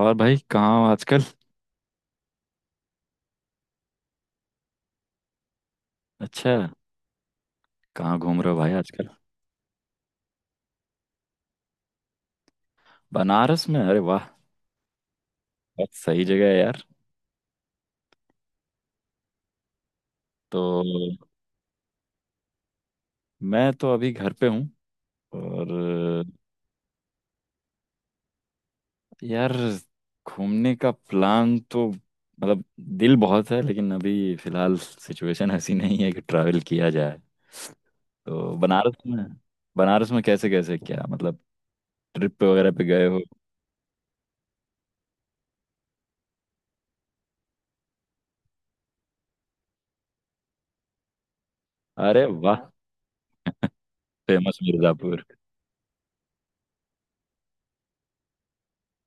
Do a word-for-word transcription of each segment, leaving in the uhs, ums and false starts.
और भाई, कहाँ हो आजकल? अच्छा। कहाँ घूम रहे हो भाई आजकल? बनारस में, अरे वाह। बहुत सही जगह है यार। तो। मैं तो अभी घर पे हूँ। और। यार, घूमने का प्लान तो मतलब, दिल बहुत है, लेकिन अभी फिलहाल सिचुएशन ऐसी नहीं है कि ट्रैवल किया जाए। तो बनारस में। बनारस में कैसे कैसे, क्या मतलब, ट्रिप पे वगैरह पे गए हो? अरे वाह। फेमस मिर्ज़ापुर।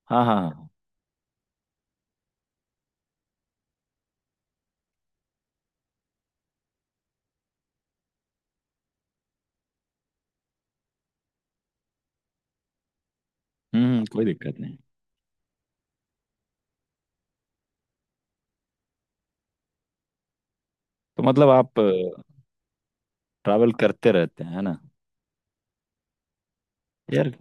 हाँ हाँ हाँ। हम्म कोई दिक्कत नहीं। तो मतलब आप ट्रैवल करते रहते हैं, है ना? यार।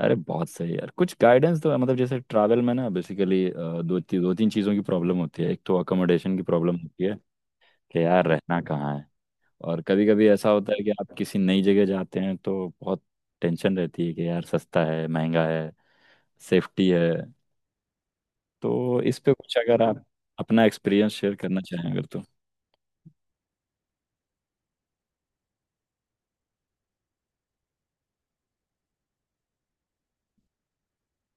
अरे बहुत सही यार, कुछ गाइडेंस तो मतलब जैसे ट्रैवल में ना बेसिकली दो ती, दो तीन चीज़ों की प्रॉब्लम होती है। एक तो अकोमोडेशन की प्रॉब्लम होती है कि यार रहना कहाँ है। और कभी कभी ऐसा होता है कि आप किसी नई जगह जाते हैं तो बहुत टेंशन रहती है कि यार, सस्ता है, महंगा है, सेफ्टी है। तो इस पे कुछ अगर आप अपना एक्सपीरियंस शेयर करना चाहें, अगर तो।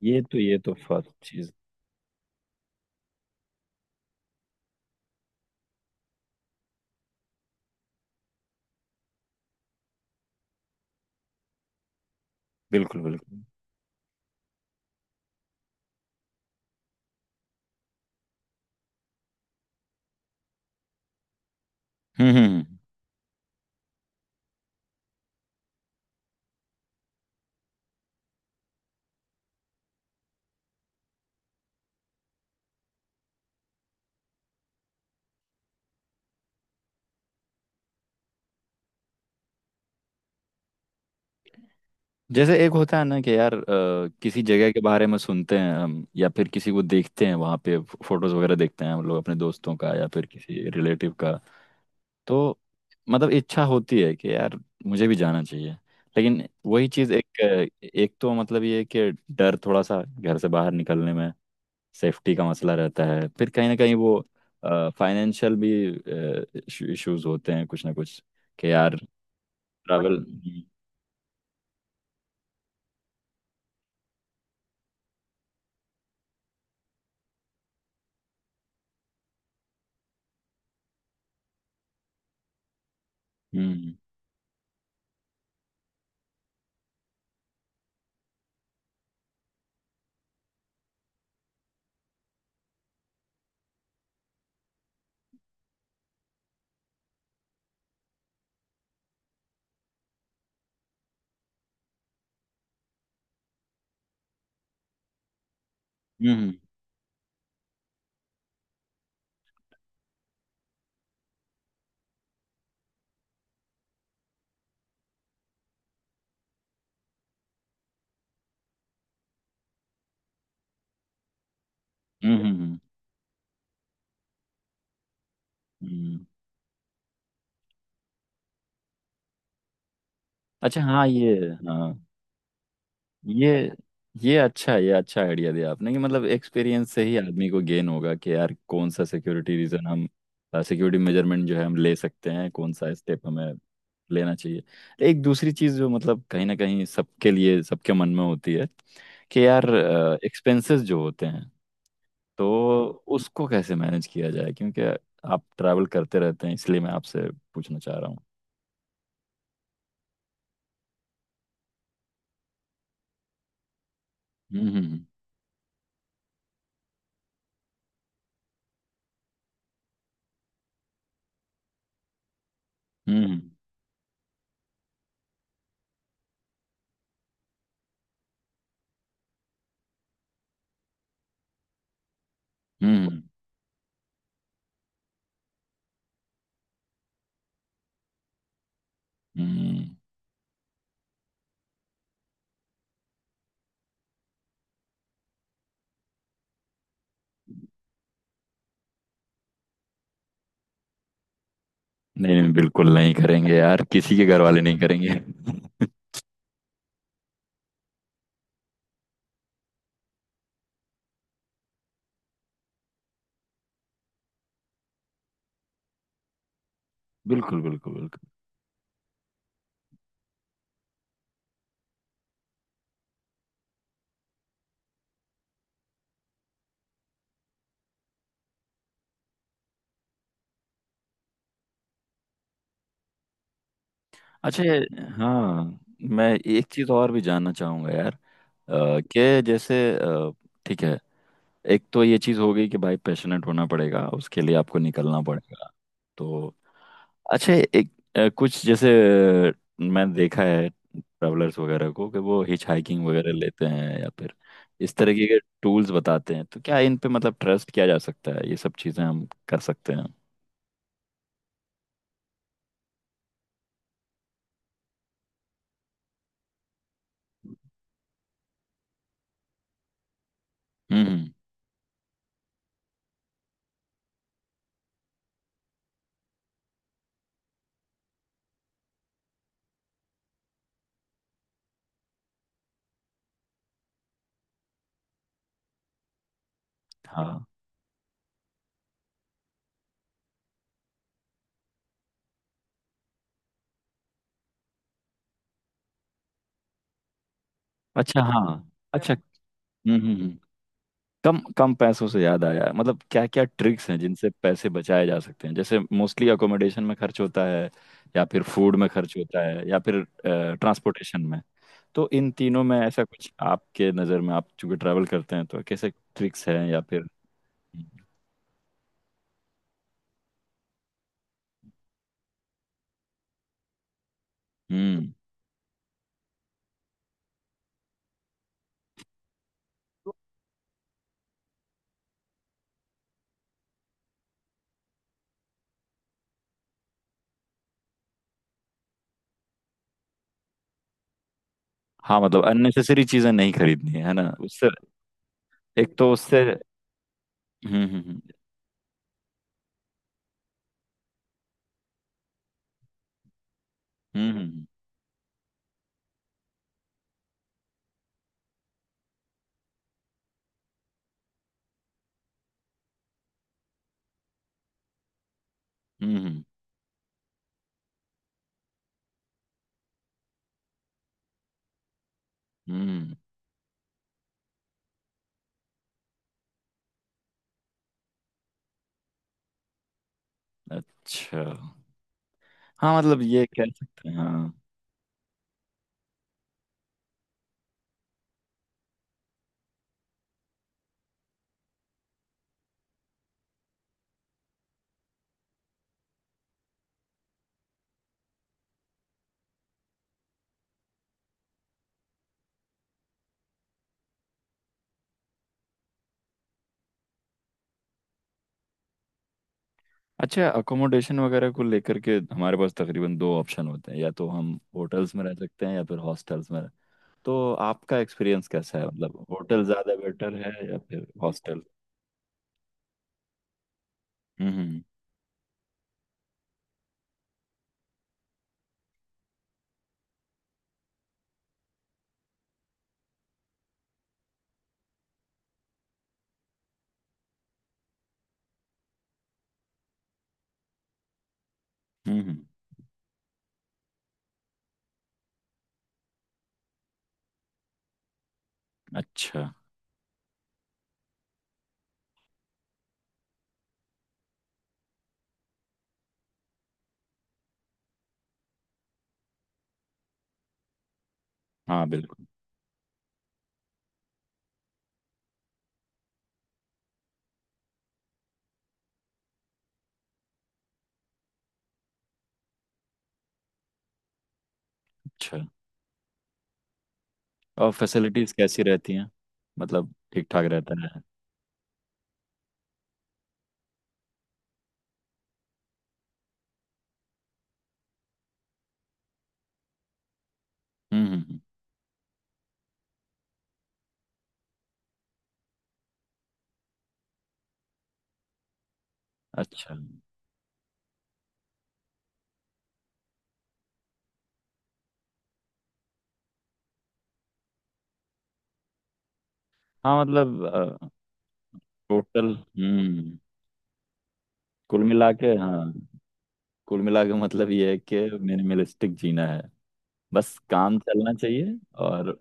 ये तो ये तो फर्स्ट चीज़। बिल्कुल बिल्कुल। हम्म हम्म। जैसे एक होता है ना कि यार अ, किसी जगह के बारे में सुनते हैं हम, या फिर किसी को देखते हैं वहाँ पे, फोटोज वगैरह देखते हैं हम लोग, अपने दोस्तों का या फिर किसी रिलेटिव का। तो मतलब इच्छा होती है कि यार मुझे भी जाना चाहिए। लेकिन वही चीज़, एक अ, एक तो मतलब ये है कि डर थोड़ा सा घर से बाहर निकलने में, सेफ्टी का मसला रहता है, फिर कहीं ना कहीं वो फाइनेंशियल भी इश्यूज होते हैं, कुछ ना कुछ कि यार ट्रैवल। हम्म। हम्म। हम्म। हम्म। हम्म, हम्म, हम्म। अच्छा हाँ, ये, हाँ, ये ये अच्छा है, ये अच्छा आइडिया दिया आपने कि मतलब एक्सपीरियंस से ही आदमी को गेन होगा कि यार, कौन सा सिक्योरिटी रीजन हम, सिक्योरिटी मेजरमेंट जो है हम ले सकते हैं, कौन सा स्टेप हमें लेना चाहिए। एक दूसरी चीज़ जो मतलब कहीं ना कहीं सबके लिए, सबके मन में होती है, कि यार एक्सपेंसेस जो होते हैं, तो उसको कैसे मैनेज किया जाए, क्योंकि आप ट्रैवल करते रहते हैं, इसलिए मैं आपसे पूछना चाह रहा हूँ। हम्म। हम्म। हम्म। हम्म। हम्म, हम्म, नहीं नहीं, बिल्कुल नहीं करेंगे यार, किसी के घर वाले नहीं करेंगे बिल्कुल बिल्कुल बिल्कुल। अच्छा ये- हाँ। मैं एक चीज़ और भी जानना चाहूँगा यार, अ, कि जैसे अ, ठीक है, एक तो ये चीज़ हो गई कि भाई पैशनेट होना पड़ेगा, उसके लिए आपको निकलना पड़ेगा। तो। अच्छा एक अ, कुछ जैसे अ, मैंने देखा है ट्रैवलर्स वगैरह को कि वो हिच हाइकिंग वगैरह लेते हैं, या फिर इस तरह के अगर टूल्स बताते हैं, तो क्या इन पे मतलब ट्रस्ट किया जा सकता है, ये सब चीज़ें हम कर सकते हैं? हम्म हम्म, हाँ, अच्छा हाँ, अच्छा। हम्म हम्म हम्म। कम कम पैसों से याद आया, मतलब क्या क्या ट्रिक्स हैं जिनसे पैसे बचाए जा सकते हैं? जैसे मोस्टली अकोमोडेशन में खर्च होता है, या फिर फूड में खर्च होता है, या फिर ट्रांसपोर्टेशन में। तो इन तीनों में ऐसा कुछ आपके नज़र में, आप चूंकि ट्रैवल करते हैं, तो कैसे ट्रिक्स हैं या फिर? हम्म। हाँ मतलब अननेसेसरी चीजें नहीं खरीदनी है है ना? उससे। एक तो उससे। हम्म हम्म। हम्म हम्म। हम्म हम्म, हम्म, अच्छा हाँ मतलब ये कह सकते हैं, हाँ। अच्छा, अकोमोडेशन वगैरह को लेकर के हमारे पास तकरीबन दो ऑप्शन होते हैं, या तो हम होटल्स में रह सकते हैं, या फिर हॉस्टल्स में रह-। तो आपका एक्सपीरियंस कैसा है, मतलब होटल ज़्यादा बेटर है या फिर हॉस्टल? हम्म हम्म हम्म, अच्छा, हाँ बिल्कुल, अच्छा। और फैसिलिटीज़ कैसी रहती हैं, मतलब ठीक ठाक रहता है? हम्म हम्म, हम्म, अच्छा हाँ मतलब टोटल, हम्म, कुल मिला के हाँ, कुल मिला के मतलब ये है कि मिनिमलिस्टिक जीना है, बस काम चलना चाहिए। और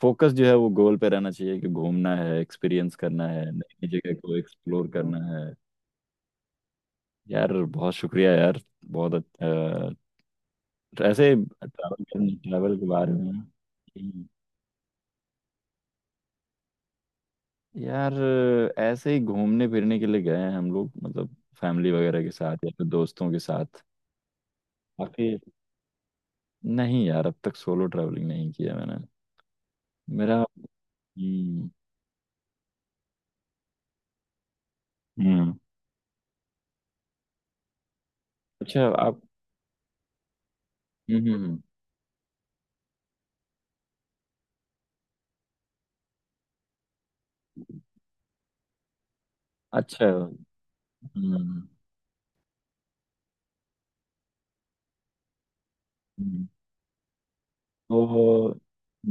फोकस जो है वो गोल पे रहना चाहिए कि घूमना है, एक्सपीरियंस करना है, नई नई जगह को एक्सप्लोर करना है। यार बहुत शुक्रिया यार, बहुत अच्छा ऐसे ट्रैवल करने ट्रैवल के बारे में। हम्म। यार ऐसे ही घूमने फिरने के लिए गए हैं हम लोग, मतलब फैमिली वगैरह के साथ या फिर दोस्तों के साथ। बाकी। नहीं यार, अब तक सोलो ट्रैवलिंग नहीं किया मैंने। मेरा। हम्म हम्म, अच्छा आप, हम्म हम्म, हम्म। अच्छा, हम्म हम्म हम्म। तो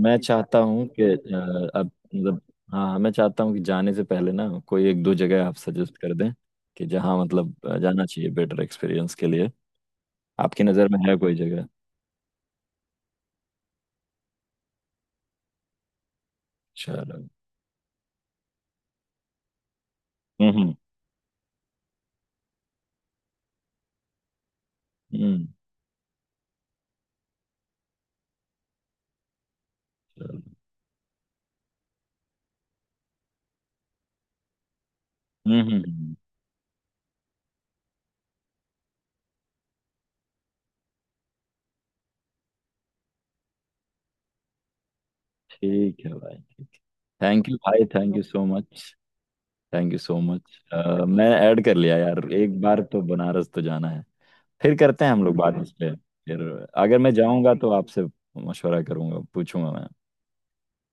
मैं चाहता हूँ कि अ, अब मतलब, हाँ हाँ, मैं चाहता हूँ कि जाने से पहले ना कोई एक दो जगह आप सजेस्ट कर दें, कि जहाँ मतलब अ, जाना चाहिए बेटर एक्सपीरियंस के लिए। आपकी नज़र में है कोई जगह? चलो। हम्म हम्म हम्म, चलो। हम्म हम्म हम्म, ठीक है भाई, ठीक है। थैंक यू भाई, thank you so much, thank you so much. मैं ऐड कर लिया यार, एक बार तो बनारस तो जाना है। फिर करते हैं हम लोग बात इस पे फिर। अगर मैं जाऊँगा तो आपसे मशवरा करूंगा, पूछूंगा मैं।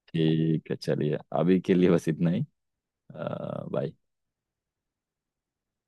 ठीक है, चलिए अभी के लिए बस इतना ही। अ, बाय।